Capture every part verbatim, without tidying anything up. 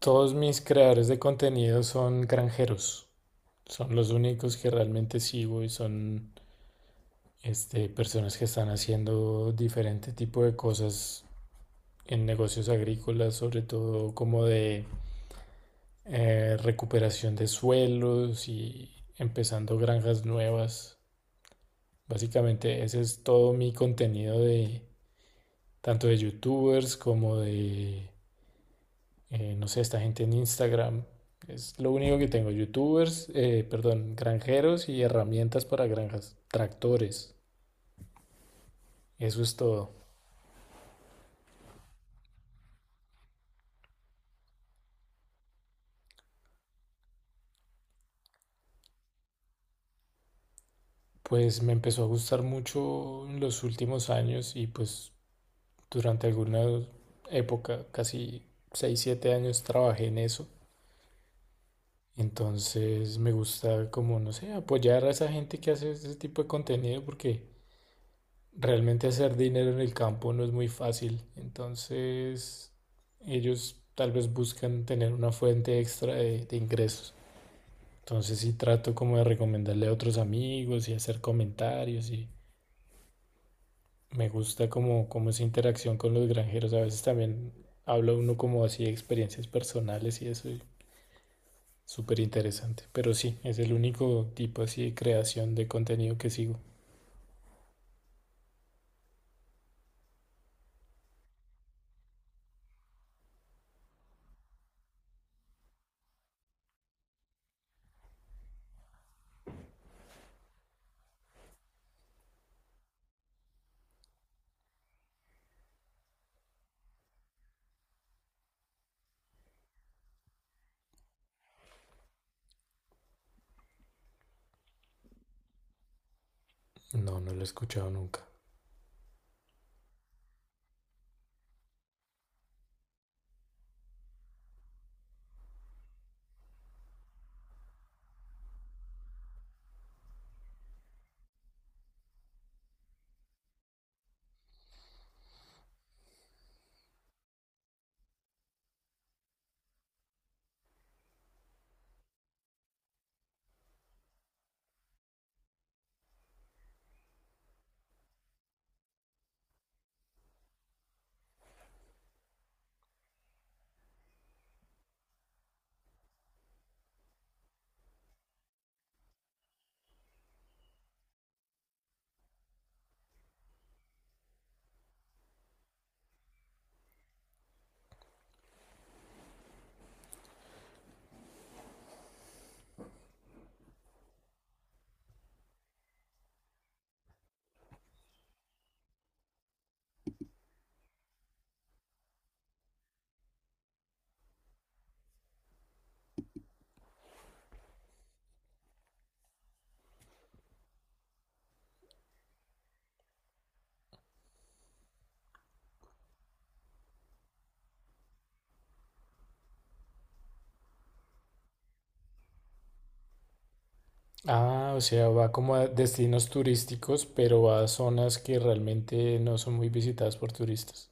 Todos mis creadores de contenido son granjeros. Son los únicos que realmente sigo y son este, personas que están haciendo diferente tipo de cosas en negocios agrícolas, sobre todo como de eh, recuperación de suelos y empezando granjas nuevas. Básicamente ese es todo mi contenido, de tanto de youtubers como de eh, no sé, esta gente en Instagram. Es lo único que tengo: youtubers, eh, perdón, granjeros y herramientas para granjas, tractores, eso es todo. Pues me empezó a gustar mucho en los últimos años y pues durante alguna época, casi seis siete años trabajé en eso. Entonces me gusta, como, no sé, apoyar a esa gente que hace ese tipo de contenido porque realmente hacer dinero en el campo no es muy fácil, entonces ellos tal vez buscan tener una fuente extra de, de ingresos. Entonces sí trato como de recomendarle a otros amigos y hacer comentarios, y me gusta, como, como esa interacción con los granjeros. A veces también habla uno como así de experiencias personales y eso es súper interesante. Pero sí, es el único tipo así de creación de contenido que sigo. No, no lo he escuchado nunca. Ah, o sea, va como a destinos turísticos, pero va a zonas que realmente no son muy visitadas por turistas.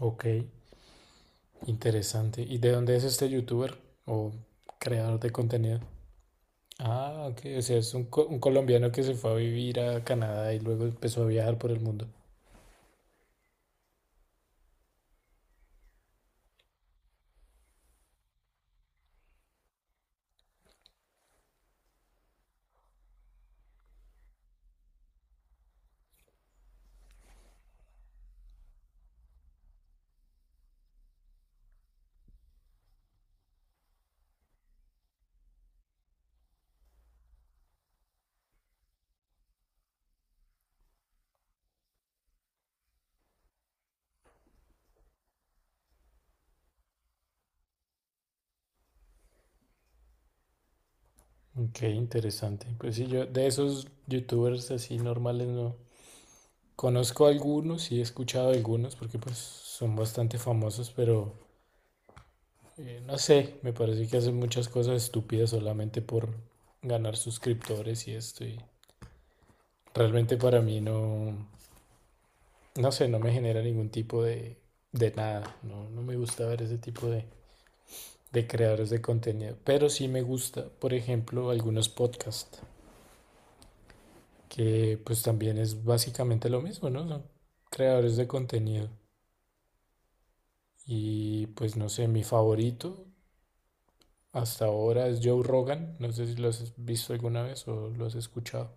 Ok, interesante. ¿Y de dónde es este youtuber o creador de contenido? Ah, ok, o sea, es un, co- un colombiano que se fue a vivir a Canadá y luego empezó a viajar por el mundo. Ok, interesante. Pues sí, yo de esos youtubers así normales no conozco algunos y he escuchado algunos porque pues son bastante famosos, pero... Eh, no sé, me parece que hacen muchas cosas estúpidas solamente por ganar suscriptores y esto. Y realmente para mí, no, no sé, no me genera ningún tipo de, de nada. No, no me gusta ver ese tipo de, de creadores de contenido. Pero sí me gusta, por ejemplo, algunos podcasts, que pues también es básicamente lo mismo, ¿no? Son creadores de contenido. Y pues no sé, mi favorito hasta ahora es Joe Rogan. No sé si lo has visto alguna vez o lo has escuchado.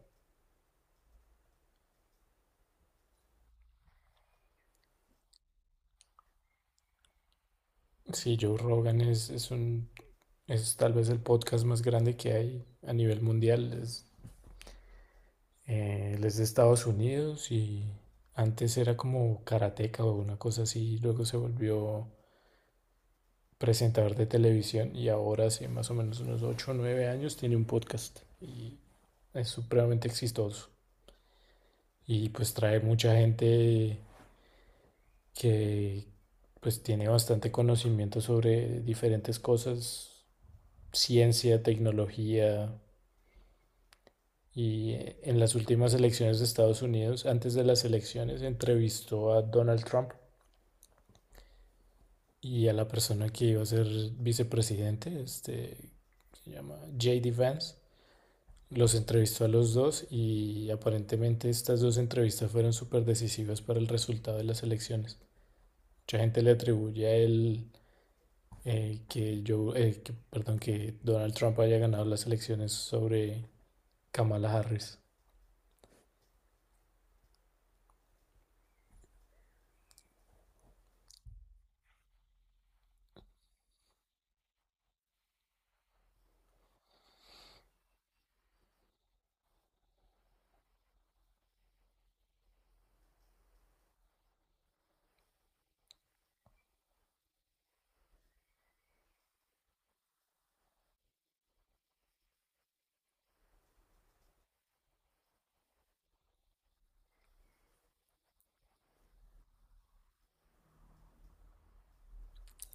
Sí, Joe Rogan es, es un, es tal vez el podcast más grande que hay a nivel mundial. Es, eh, él es de Estados Unidos y antes era como karateca o una cosa así, luego se volvió presentador de televisión, y ahora hace más o menos unos ocho o nueve años tiene un podcast y es supremamente exitoso. Y pues trae mucha gente que pues tiene bastante conocimiento sobre diferentes cosas: ciencia, tecnología... Y eh, en las últimas elecciones de Estados Unidos, antes de las elecciones, entrevistó a Donald Trump y a la persona que iba a ser vicepresidente, este, se llama J D Vance. Los entrevistó a los dos y aparentemente estas dos entrevistas fueron súper decisivas para el resultado de las elecciones. Mucha gente le atribuye a él eh, que yo, eh, que- perdón, que Donald Trump haya ganado las elecciones sobre Kamala Harris.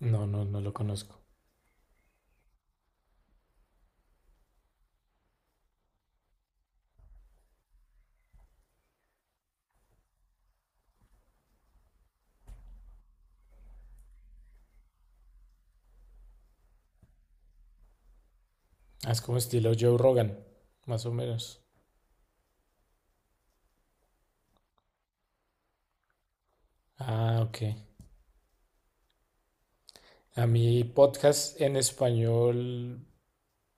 No, no, no lo conozco. Ah, es como estilo Joe Rogan, más o menos. Ah, ok. A mí podcast en español,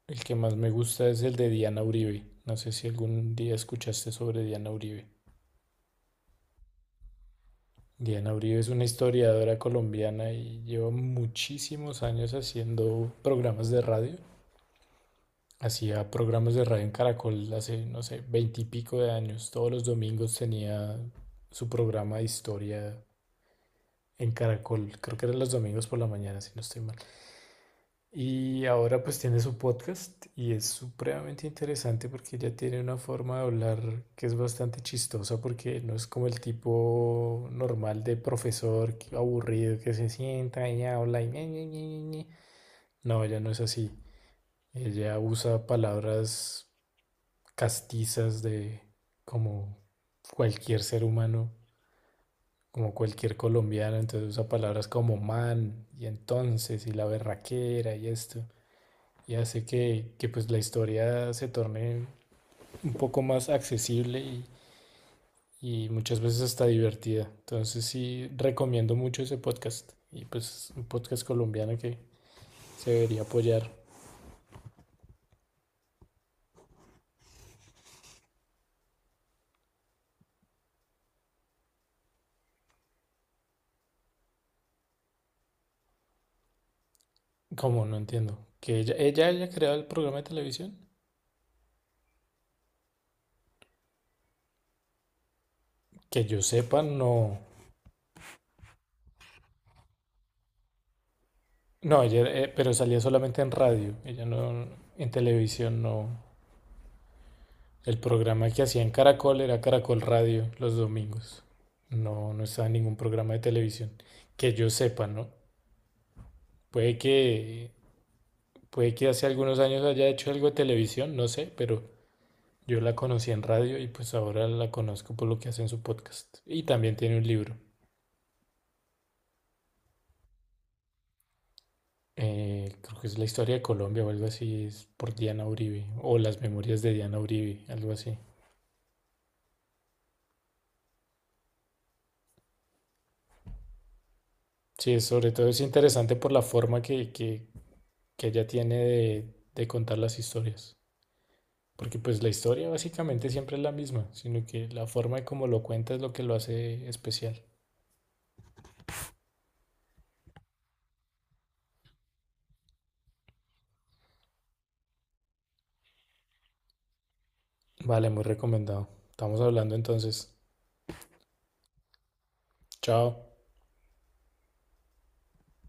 el que más me gusta es el de Diana Uribe. No sé si algún día escuchaste sobre Diana Uribe. Diana Uribe es una historiadora colombiana y lleva muchísimos años haciendo programas de radio. Hacía programas de radio en Caracol hace, no sé, veintipico de años. Todos los domingos tenía su programa de historia en Caracol. Creo que eran los domingos por la mañana, si no estoy mal. Y ahora pues tiene su podcast y es supremamente interesante porque ella tiene una forma de hablar que es bastante chistosa porque no es como el tipo normal de profesor que- aburrido, que se sienta y habla y ñe, ñe, ñe, ñe, ñe. No, ella no es así. Ella usa palabras castizas, de como cualquier ser humano, como cualquier colombiano, entonces usa palabras como "man" y "entonces" y "la berraquera" y esto, y hace que, que, pues, la historia se torne un poco más accesible y, y muchas veces, hasta divertida. Entonces sí, recomiendo mucho ese podcast, y pues un podcast colombiano que se debería apoyar. Como no entiendo, que ella, ella haya creado el programa de televisión, que yo sepa, no. No, ella, eh, pero salía solamente en radio, ella no, en televisión no. El programa que hacía en Caracol era Caracol Radio los domingos. No, no estaba en ningún programa de televisión. Que yo sepa, ¿no? Puede que, puede que hace algunos años haya hecho algo de televisión, no sé, pero yo la conocí en radio y pues ahora la conozco por lo que hace en su podcast. Y también tiene un libro. Eh, creo que es la historia de Colombia o algo así, es por Diana Uribe, o las memorias de Diana Uribe, algo así. Sí, sobre todo es interesante por la forma que, que, que ella tiene de, de contar las historias. Porque pues la historia básicamente siempre es la misma, sino que la forma de cómo lo cuenta es lo que lo hace especial. Vale, muy recomendado. Estamos hablando entonces. Chao.